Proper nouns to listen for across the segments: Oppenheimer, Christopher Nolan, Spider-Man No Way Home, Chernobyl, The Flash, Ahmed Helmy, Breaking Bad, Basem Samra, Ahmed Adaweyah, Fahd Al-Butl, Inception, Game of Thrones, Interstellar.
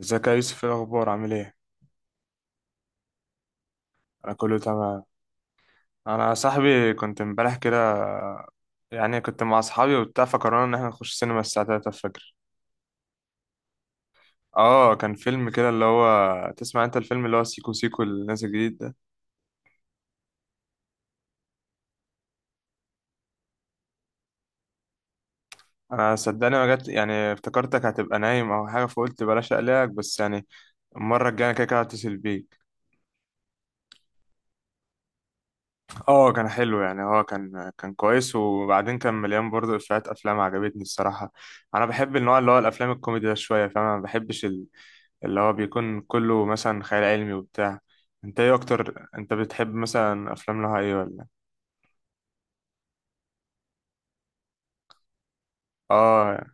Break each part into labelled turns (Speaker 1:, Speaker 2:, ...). Speaker 1: ازيك يا يوسف، ايه الاخبار؟ عامل ايه؟ انا كله تمام. انا يا صاحبي كنت امبارح كده، يعني كنت مع اصحابي وبتاع، فقررنا ان احنا نخش سينما الساعه 3 الفجر. اه، كان فيلم كده اللي هو، تسمع انت الفيلم اللي هو سيكو سيكو اللي نازل جديد ده؟ انا صدقني ما جت، يعني افتكرتك هتبقى نايم او حاجه، فقلت بلاش اقلقك، بس يعني المره الجايه أنا كده كده هتصل بيك. اه كان حلو، يعني هو كان كويس، وبعدين كان مليان برضه افيهات، افلام عجبتني الصراحه. انا بحب النوع اللي هو الافلام الكوميدي ده شويه، فاهم؟ أنا ما بحبش اللي هو بيكون كله مثلا خيال علمي وبتاع. انت ايه اكتر، انت بتحب مثلا افلام لها ايه ولا؟ اه،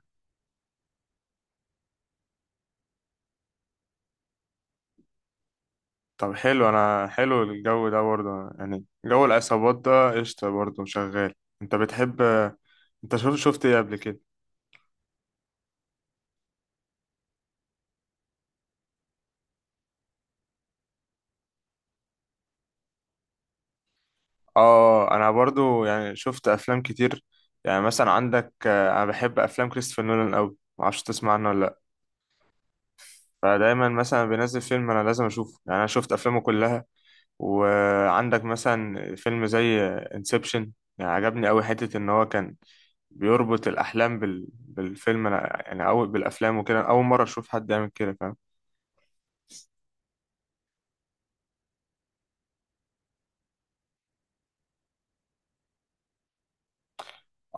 Speaker 1: طب حلو، انا حلو الجو ده برضه، يعني جو العصابات ده قشطة برضه شغال. انت بتحب؟ انت شوف، شفت ايه قبل كده؟ اه، انا برضه يعني شفت افلام كتير. يعني مثلا عندك، انا بحب افلام كريستوفر نولان قوي، معرفش تسمع عنه ولا لا. فدايما مثلا بينزل فيلم انا لازم اشوفه، يعني انا شفت افلامه كلها. وعندك مثلا فيلم زي انسبشن. يعني عجبني أوي، حتة إن هو كان بيربط الأحلام بالفيلم، أنا يعني أول بالأفلام وكده، أول مرة أشوف حد يعمل كده، فاهم؟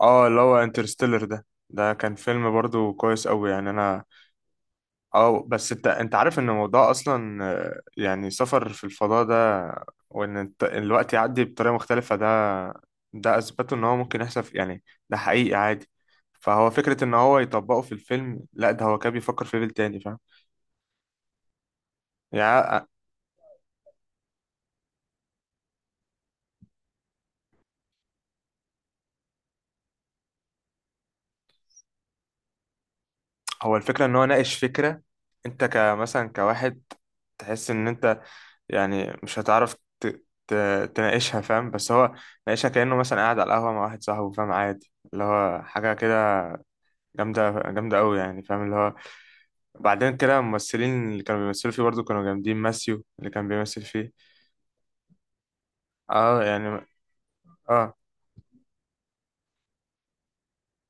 Speaker 1: اه، اللي هو انترستيلر ده كان فيلم برضو كويس أوي، يعني أنا. اه، بس انت عارف ان الموضوع اصلا، يعني سفر في الفضاء ده، وان الوقت يعدي بطريقه مختلفه ده، ده اثبته ان هو ممكن يحصل يعني، ده حقيقي عادي. فهو فكره ان هو يطبقه في الفيلم، لا ده هو كان بيفكر في ليفل تاني، فاهم؟ يعني هو الفكره ان هو ناقش فكره، انت كمثلا كواحد تحس ان انت يعني مش هتعرف تناقشها، فاهم؟ بس هو ناقشها كانه مثلا قاعد على القهوه مع واحد صاحبه، فاهم؟ عادي اللي هو حاجه كده جامدة جامدة أوي، يعني فاهم اللي هو. بعدين كده الممثلين اللي كانوا بيمثلوا فيه برضه كانوا جامدين، ماسيو اللي كان بيمثل فيه. اه يعني. اه،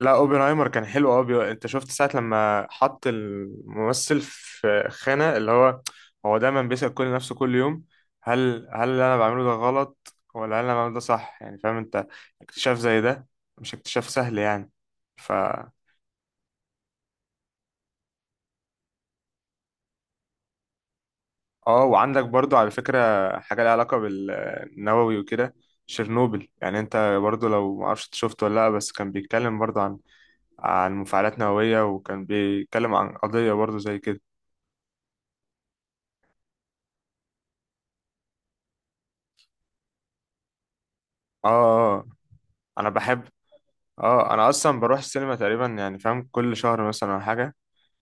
Speaker 1: لا اوبنهايمر كان حلو، اه انت شفت ساعة لما حط الممثل في خانة اللي هو هو دايما بيسأل كل نفسه كل يوم، هل اللي انا بعمله ده غلط، ولا هل انا بعمله ده صح، يعني فاهم انت؟ اكتشاف زي ده مش اكتشاف سهل يعني. اه، وعندك برضو على فكرة حاجة ليها علاقة بالنووي وكده، شيرنوبل، يعني انت برضو لو معرفش إنت شفته ولا لا، بس كان بيتكلم برضو عن مفاعلات نووية، وكان بيتكلم عن قضية برضو زي كده. اه، آه، آه. انا بحب. اه، انا اصلا بروح السينما تقريبا، يعني فاهم، كل شهر مثلا او حاجة،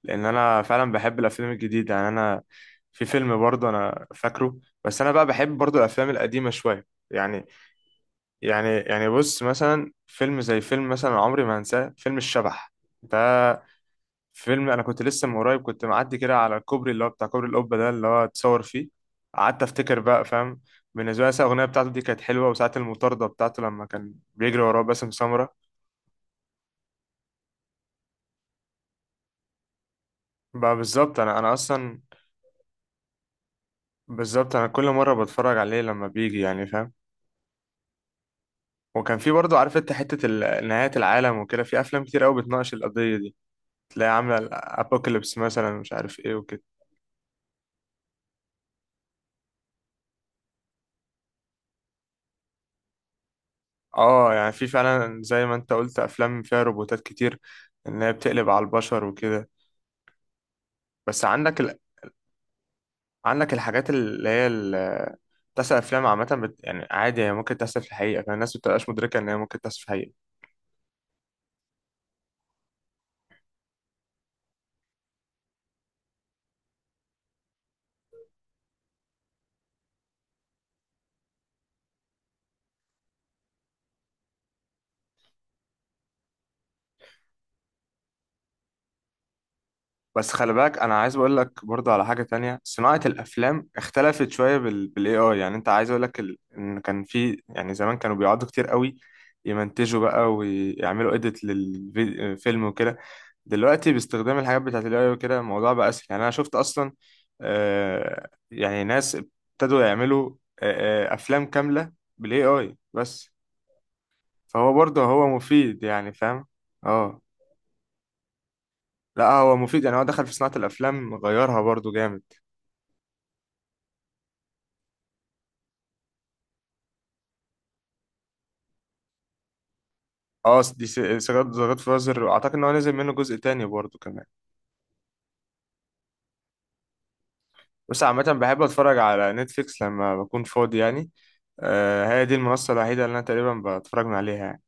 Speaker 1: لان انا فعلا بحب الافلام الجديدة، يعني انا في فيلم برضو انا فاكره، بس انا بقى بحب برضو الافلام القديمة شوية يعني. يعني بص، مثلا فيلم زي فيلم مثلا عمري ما هنساه، فيلم الشبح ده. فيلم انا كنت لسه من قريب كنت معدي كده على الكوبري اللي هو بتاع كوبري القبه ده اللي هو اتصور فيه، قعدت افتكر بقى، فاهم؟ بالنسبه لي الأغنية بتاعته دي كانت حلوة، وساعة المطاردة بتاعته لما كان بيجري وراه باسم سمرة. بقى بالظبط، أنا أصلا بالظبط، أنا كل مرة بتفرج عليه لما بيجي، يعني فاهم. وكان في برضه عارف أنت حتة نهاية العالم وكده، في أفلام كتير أوي بتناقش القضية دي، تلاقي عاملة الأبوكاليبس مثلا، مش عارف إيه وكده. اه، يعني في فعلا زي ما انت قلت افلام فيها روبوتات كتير، ان هي بتقلب على البشر وكده. بس عندك عندك الحاجات اللي هي تحصل افلام عامه يعني عادي هي ممكن تحصل في الحقيقه، كان الناس بتبقاش مدركه ان هي ممكن تحصل في الحقيقه. بس خلي بالك انا عايز اقول لك برضه على حاجه تانية، صناعه الافلام اختلفت شويه بالاي اي، يعني انت عايز اقول لك ان كان في، يعني زمان كانوا بيقعدوا كتير قوي يمنتجوا بقى ويعملوا اديت للفيلم وكده. دلوقتي باستخدام الحاجات بتاعت الاي وكده، الموضوع بقى اسهل، يعني انا شفت اصلا، يعني ناس ابتدوا يعملوا افلام كامله بالاي اي بس. فهو برضه هو مفيد، يعني فاهم. اه، لا هو مفيد، يعني هو دخل في صناعه الافلام غيرها برضه جامد. اه، دي سجاد فازر، واعتقد ان هو نزل منه جزء تاني برضه كمان. بس عامه بحب اتفرج على نتفليكس لما بكون فاضي يعني، هي دي المنصه الوحيده اللي انا تقريبا بتفرج من عليها يعني.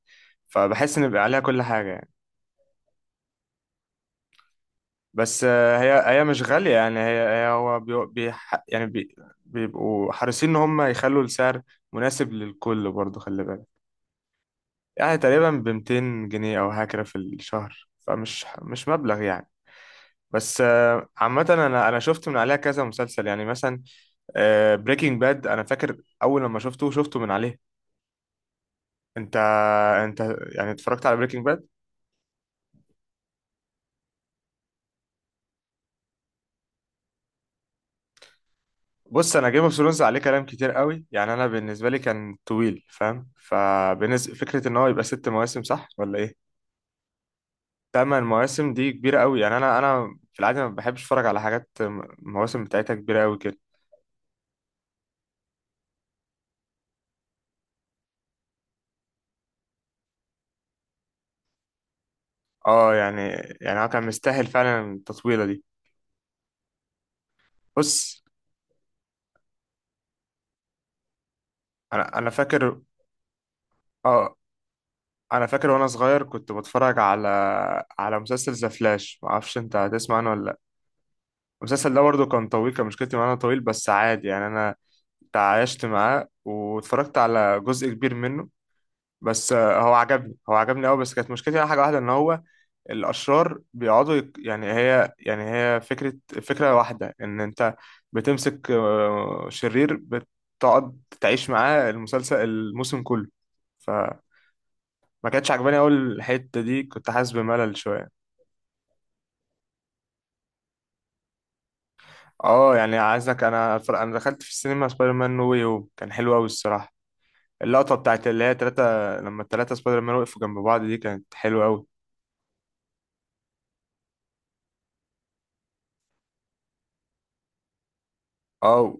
Speaker 1: فبحس ان بيبقى عليها كل حاجه يعني. بس هي مش غالية يعني، هي هو بي بي يعني بيبقوا حريصين إن هم يخلوا السعر مناسب للكل برضه، خلي بالك، يعني تقريبا ب 200 جنيه أو هكذا في الشهر، فمش مش مبلغ يعني. بس عامة أنا شفت من عليها كذا مسلسل، يعني مثلا بريكنج باد أنا فاكر أول لما شفته شفته من عليه. أنت أنت يعني اتفرجت على بريكنج باد؟ بص انا جيم اوف ثرونز عليه كلام كتير قوي، يعني انا بالنسبه لي كان طويل، فاهم؟ فكره ان هو يبقى ست مواسم، صح ولا ايه؟ تمن مواسم دي كبيره قوي يعني، انا في العاده ما بحبش اتفرج على حاجات المواسم بتاعتها كبيره قوي كده. اه يعني، يعني هو كان مستاهل فعلا التطويله دي. بص، انا فاكر. اه، انا فاكر وانا صغير كنت بتفرج على مسلسل ذا فلاش، ما اعرفش انت هتسمع عنه ولا لا. المسلسل ده برضه كان طويل، كان مشكلتي معاه إن هو طويل، بس عادي يعني انا تعايشت معاه واتفرجت على جزء كبير منه. بس هو عجبني قوي، بس كانت مشكلتي على حاجه واحده ان هو الاشرار بيقعدوا يعني هي فكره واحده ان انت بتمسك شرير، بتقعد تعيش معاه المسلسل الموسم كله، فما كانتش عجباني قوي الحته دي، كنت حاسس بملل شويه. اه، يعني انا دخلت في السينما سبايدر مان نو واي هوم، كان حلو قوي الصراحه. اللقطة بتاعت اللي هي تلاتة، لما التلاتة سبايدر مان وقفوا جنب بعض دي كانت حلوة أوي. اه،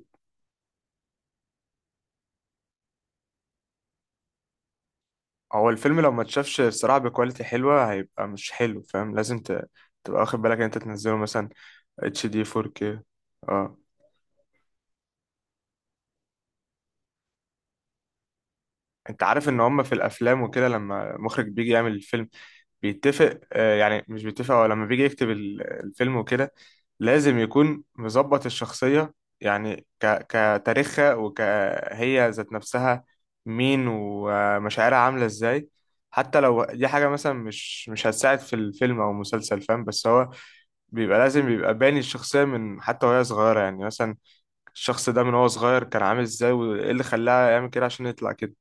Speaker 1: هو الفيلم لو ما اتشافش الصراحة بكواليتي حلوة هيبقى مش حلو، فاهم؟ لازم تبقى واخد بالك ان انت تنزله مثلا اتش دي 4K. اه، انت عارف ان هما في الافلام وكده لما مخرج بيجي يعمل الفيلم بيتفق، يعني مش بيتفق، هو لما بيجي يكتب الفيلم وكده لازم يكون مظبط الشخصية، يعني كتاريخها وكهي ذات نفسها، مين ومشاعرها عاملة ازاي، حتى لو دي حاجة مثلا مش هتساعد في الفيلم أو المسلسل، فاهم؟ بس هو بيبقى لازم بيبقى باني الشخصية من حتى وهي صغيرة، يعني مثلا الشخص ده من هو صغير كان عامل ازاي، وايه اللي خلاه يعمل كده عشان يطلع كده.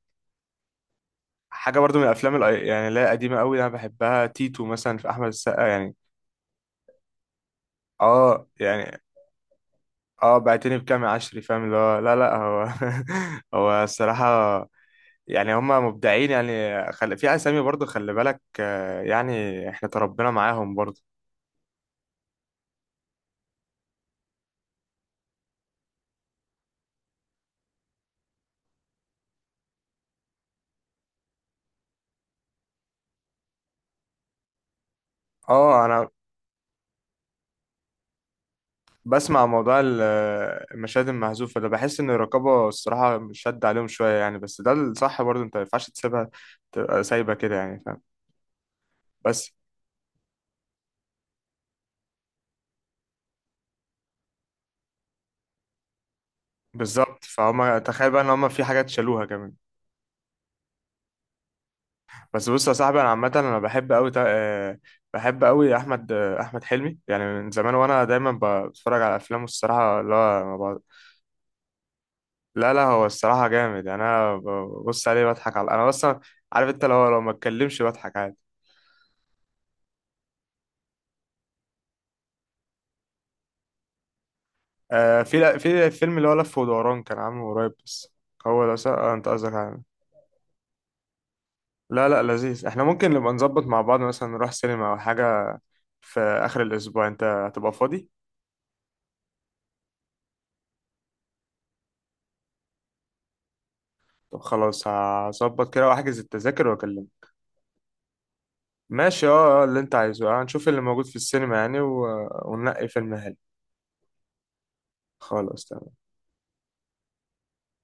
Speaker 1: حاجة برضو من الأفلام يعني اللي هي قديمة أوي أنا بحبها، تيتو مثلا في أحمد السقا يعني. اه يعني. اه، بعتني بكام يا عشري، فاهم اللي هو؟ لا لا، هو هو الصراحة، يعني هما مبدعين، يعني في أسامي برضو خلي بالك، يعني احنا تربينا معاهم برضو. اه، انا بسمع موضوع المشاهد المحذوفة ده، بحس ان الرقابة الصراحة شد عليهم شوية يعني، بس ده الصح برضو، انت ما ينفعش تسيبها تبقى سايبة كده يعني، فاهم؟ بس بالظبط، فهم تخيل بقى ان هم في حاجات شالوها كمان. بس بص يا صاحبي، انا عامه انا بحب قوي احمد، احمد حلمي يعني من زمان، وانا دايما بتفرج على افلامه الصراحه، لا ما لا لا، هو الصراحه جامد، يعني انا ببص عليه بضحك على، انا اصلا عارف انت، لو ما اتكلمش بضحك عادي. في في الفيلم اللي هو لف ودوران كان عامله قريب بس. هو ده صح، انت قصدك عليه. لا لا لذيذ، احنا ممكن نبقى نظبط مع بعض مثلا، نروح سينما او حاجه في اخر الاسبوع، انت هتبقى فاضي؟ طب خلاص، هظبط كده واحجز التذاكر واكلمك. ماشي اه، اللي انت عايزه، هنشوف اللي موجود في السينما يعني، وننقي فيلم حلو. خلاص تمام.